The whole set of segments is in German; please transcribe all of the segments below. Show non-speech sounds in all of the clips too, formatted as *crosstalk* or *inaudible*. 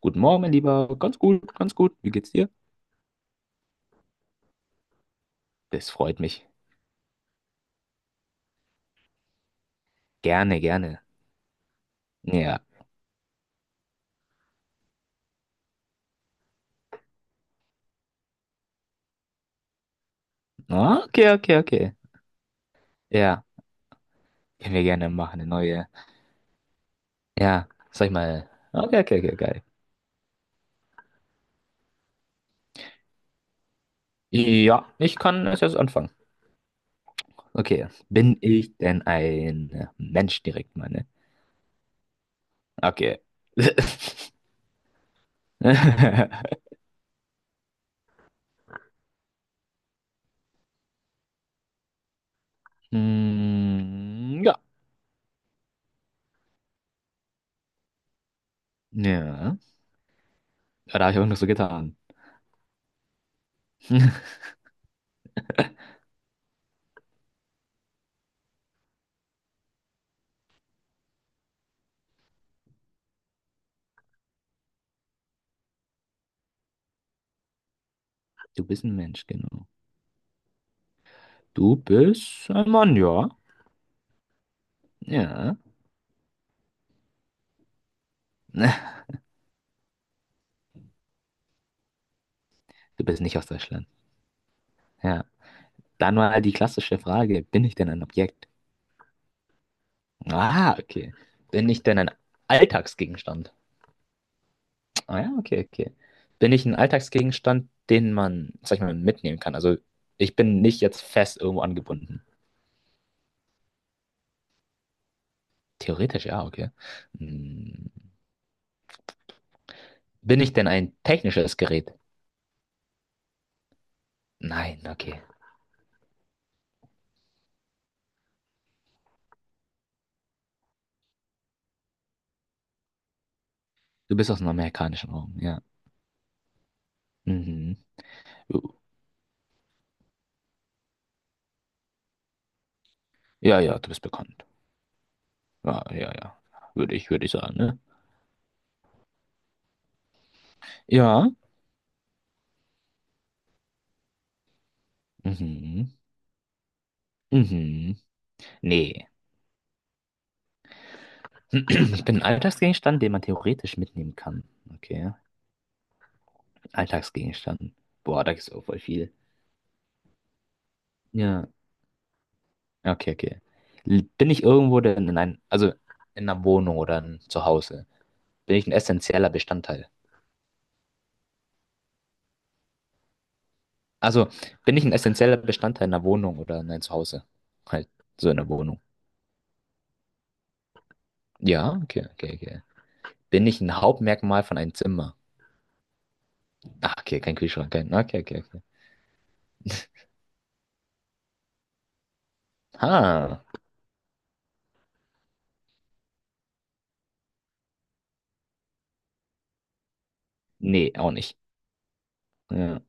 Guten Morgen, mein Lieber. Ganz gut, ganz gut. Wie geht's dir? Das freut mich. Gerne, gerne. Ja. Okay, okay, okay. Ja, können wir gerne machen, eine neue. Ja, sag ich mal. Okay, okay, okay, geil. Ja, ich kann es jetzt anfangen. Okay. Bin ich denn ein Mensch direkt, meine? Okay. *laughs* Hm, ja. Ja. Ja, da habe ich auch noch so getan. *laughs* Du bist ein Mensch, genau. Du bist ein Mann, ja. Ja. *laughs* Du bist nicht aus Deutschland. Ja. Dann mal die klassische Frage, bin ich denn ein Objekt? Ah, okay. Bin ich denn ein Alltagsgegenstand? Ah ja, okay, okay. Bin ich ein Alltagsgegenstand, den man, sag ich mal, mitnehmen kann? Also ich bin nicht jetzt fest irgendwo angebunden. Theoretisch ja, okay. Hm, bin ich denn ein technisches Gerät? Nein, okay. Du bist aus dem amerikanischen Raum, ja. Mhm. Jo. Ja, ja, du bist bekannt. Ja, ja, ja. Würde ich sagen, ne? Ja. Mhm. Mhm. Nee. *clears throat* Ich bin ein Alltagsgegenstand, den man theoretisch mitnehmen kann. Okay. Alltagsgegenstand. Boah, da gibt's auch voll viel. Ja. Okay, okay. Bin ich irgendwo denn in ein, also in einer Wohnung oder in, zu Hause? Bin ich ein essentieller Bestandteil? Also, bin ich ein essentieller Bestandteil einer Wohnung oder in einem Zuhause? Halt, so in der Wohnung. Ja, okay, okay, okay. Bin ich ein Hauptmerkmal von einem Zimmer? Ah, okay, kein Kühlschrank, kein. Okay, okay, okay. Ha. Nee, auch nicht. Ja.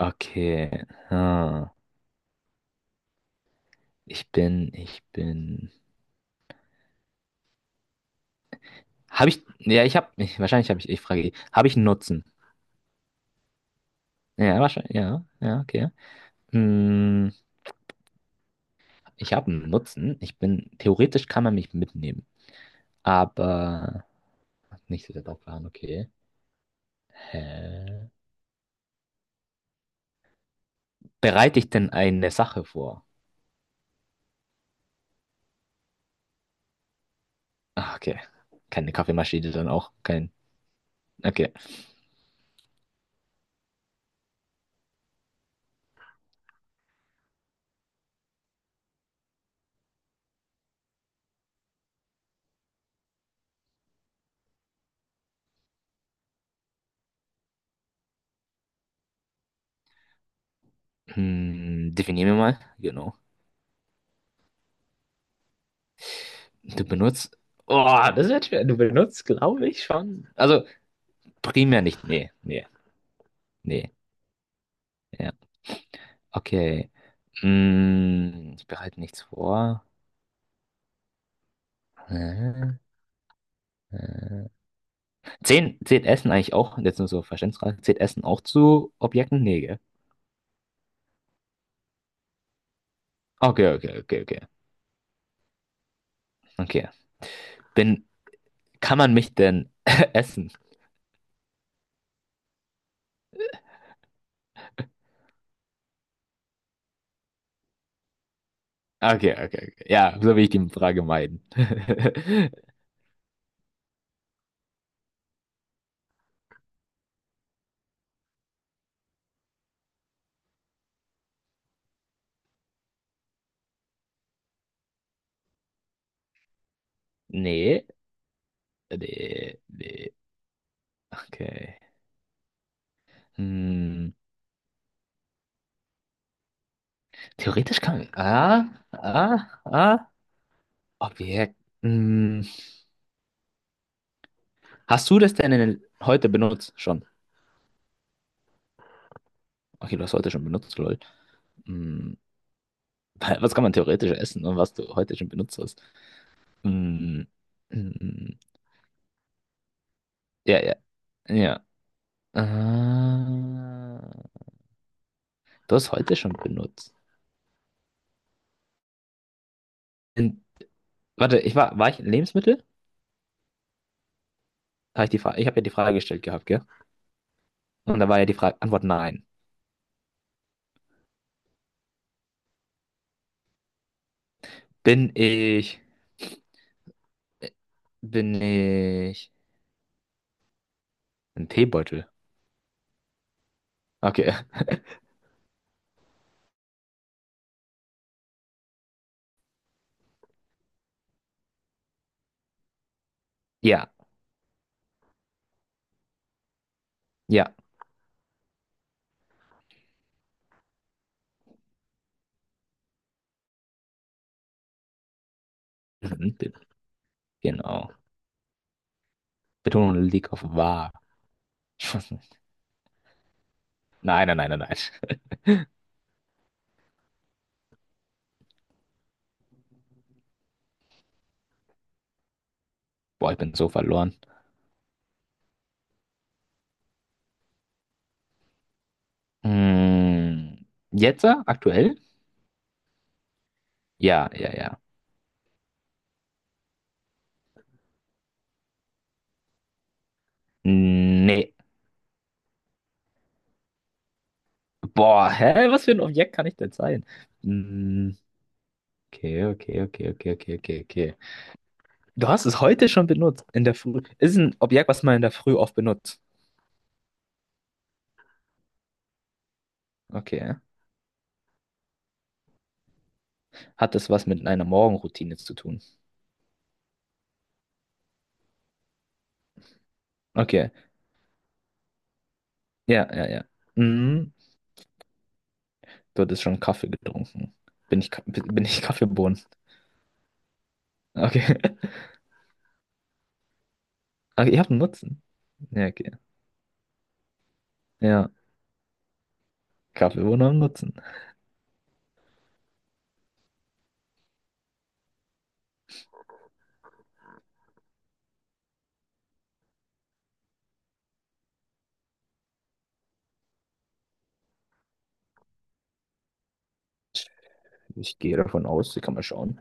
Okay. Ha. Ich bin. Habe ich. Ja, ich habe. Ich, wahrscheinlich habe ich. Ich frage, habe ich einen Nutzen? Ja, wahrscheinlich. Ja, ja, okay. Hm, ich habe einen Nutzen. Ich bin. Theoretisch kann man mich mitnehmen. Aber. Nicht so sehr drauf okay. Hä? Bereite ich denn eine Sache vor? Ah, okay. Keine Kaffeemaschine dann auch. Kein. Okay. Hm, definier mir mal. Genau. Du benutzt. Oh, das wird schwer. Du benutzt, glaube ich, schon. Also primär nicht. Nee, nee, nee. Ja. Okay. Ich bereite nichts vor. Äh, äh. Zehn, zählt Essen eigentlich auch? Jetzt nur so Verständnisfrage. Zählt Essen auch zu Objekten? Nee, gell? Okay, okay, okay, okay. Okay. Bin, kann man mich denn *laughs* essen? Okay, okay, okay. Ja, so will ich die Frage meiden. *laughs* Nee, nee, nee. Okay. Hm, theoretisch kann. Ah, ah. Objekt. Hm, hast du das denn in, heute benutzt schon? Okay, du hast heute schon benutzt, lol. Hm, *laughs* was kann man theoretisch essen und was du heute schon benutzt hast? Hm, hm, ja, ja, ja. Ah, du hast heute schon benutzt. In, warte, war ich in Lebensmittel? Habe ich die Frage, ich habe ja die Frage gestellt gehabt, gell? Und da war ja die Frage, Antwort nein. Bin ich, bin ich ein Teebeutel? Okay. *laughs* Ja, ja. Mhm, genau. Betonung liegt auf wahr. *laughs* Nein, nein, nein, nein, nein. Boah, ich bin so verloren. Hm, jetzt? Aktuell? Ja, ja, ja. Nee. Boah, hä? Was für ein Objekt kann ich denn sein? Hm, okay, okay, okay, okay, okay, okay, okay. Du hast es heute schon benutzt. In der Früh. Ist ein Objekt, was man in der Früh oft benutzt. Okay. Hat das was mit einer Morgenroutine zu tun? Okay. Ja, ja, ja. Hm, du hattest schon Kaffee getrunken. Bin ich Kaffeebohnen? Okay. *laughs* Okay, ich habe einen Nutzen. Ja, okay. Ja. Kaffeebohnen haben einen Nutzen. Ich gehe davon aus, die kann man schauen.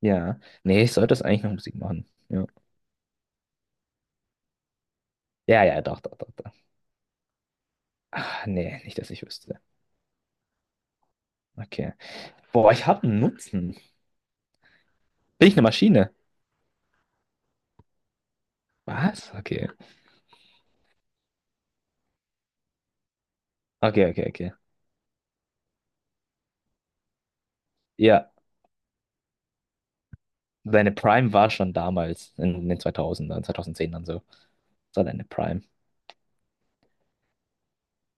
Ja. Nee, ich sollte das eigentlich noch Musik machen. Ja. Ja, ja, doch, doch, doch, doch. Ach, nee, nicht, dass ich wüsste. Okay. Boah, ich habe einen Nutzen. Bin ich eine Maschine? Was? Okay. Okay, okay, okay. Ja, deine Prime war schon damals, in den 2000ern, 2010ern so. Das war deine Prime.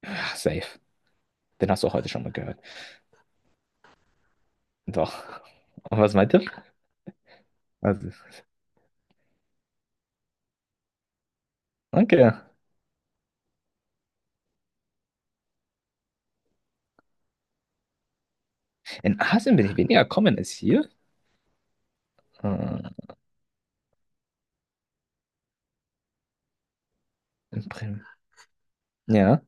Ah, safe. Den hast du auch heute schon mal gehört. Doch. Und was meint ihr? Also, okay. In Asien bin ich weniger common als hier. Hm, im Prim- ja,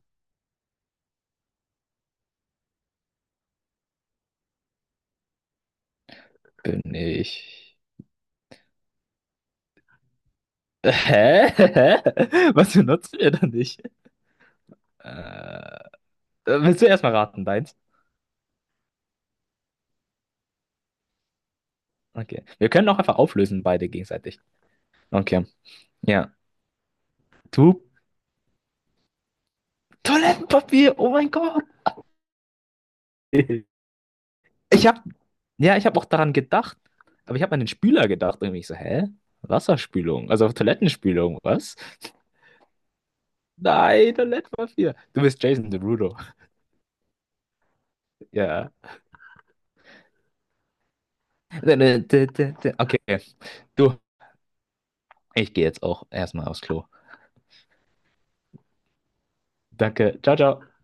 bin ich. Hä? *laughs* Hä? Was benutzt ihr da nicht? Äh, willst du erstmal raten, deins? Okay. Wir können auch einfach auflösen, beide gegenseitig. Okay. Ja. Du, Toilettenpapier, oh mein Gott. *laughs* Ich hab, ja, ich hab auch daran gedacht, aber ich hab an den Spüler gedacht. Und ich so, hä? Wasserspülung, also Toilettenspülung, was? Nein, Toilettenpapier. Du bist Jason Derulo. *laughs* Ja. Okay. Du, ich gehe jetzt auch erstmal aufs Klo. Danke. Ciao, ciao.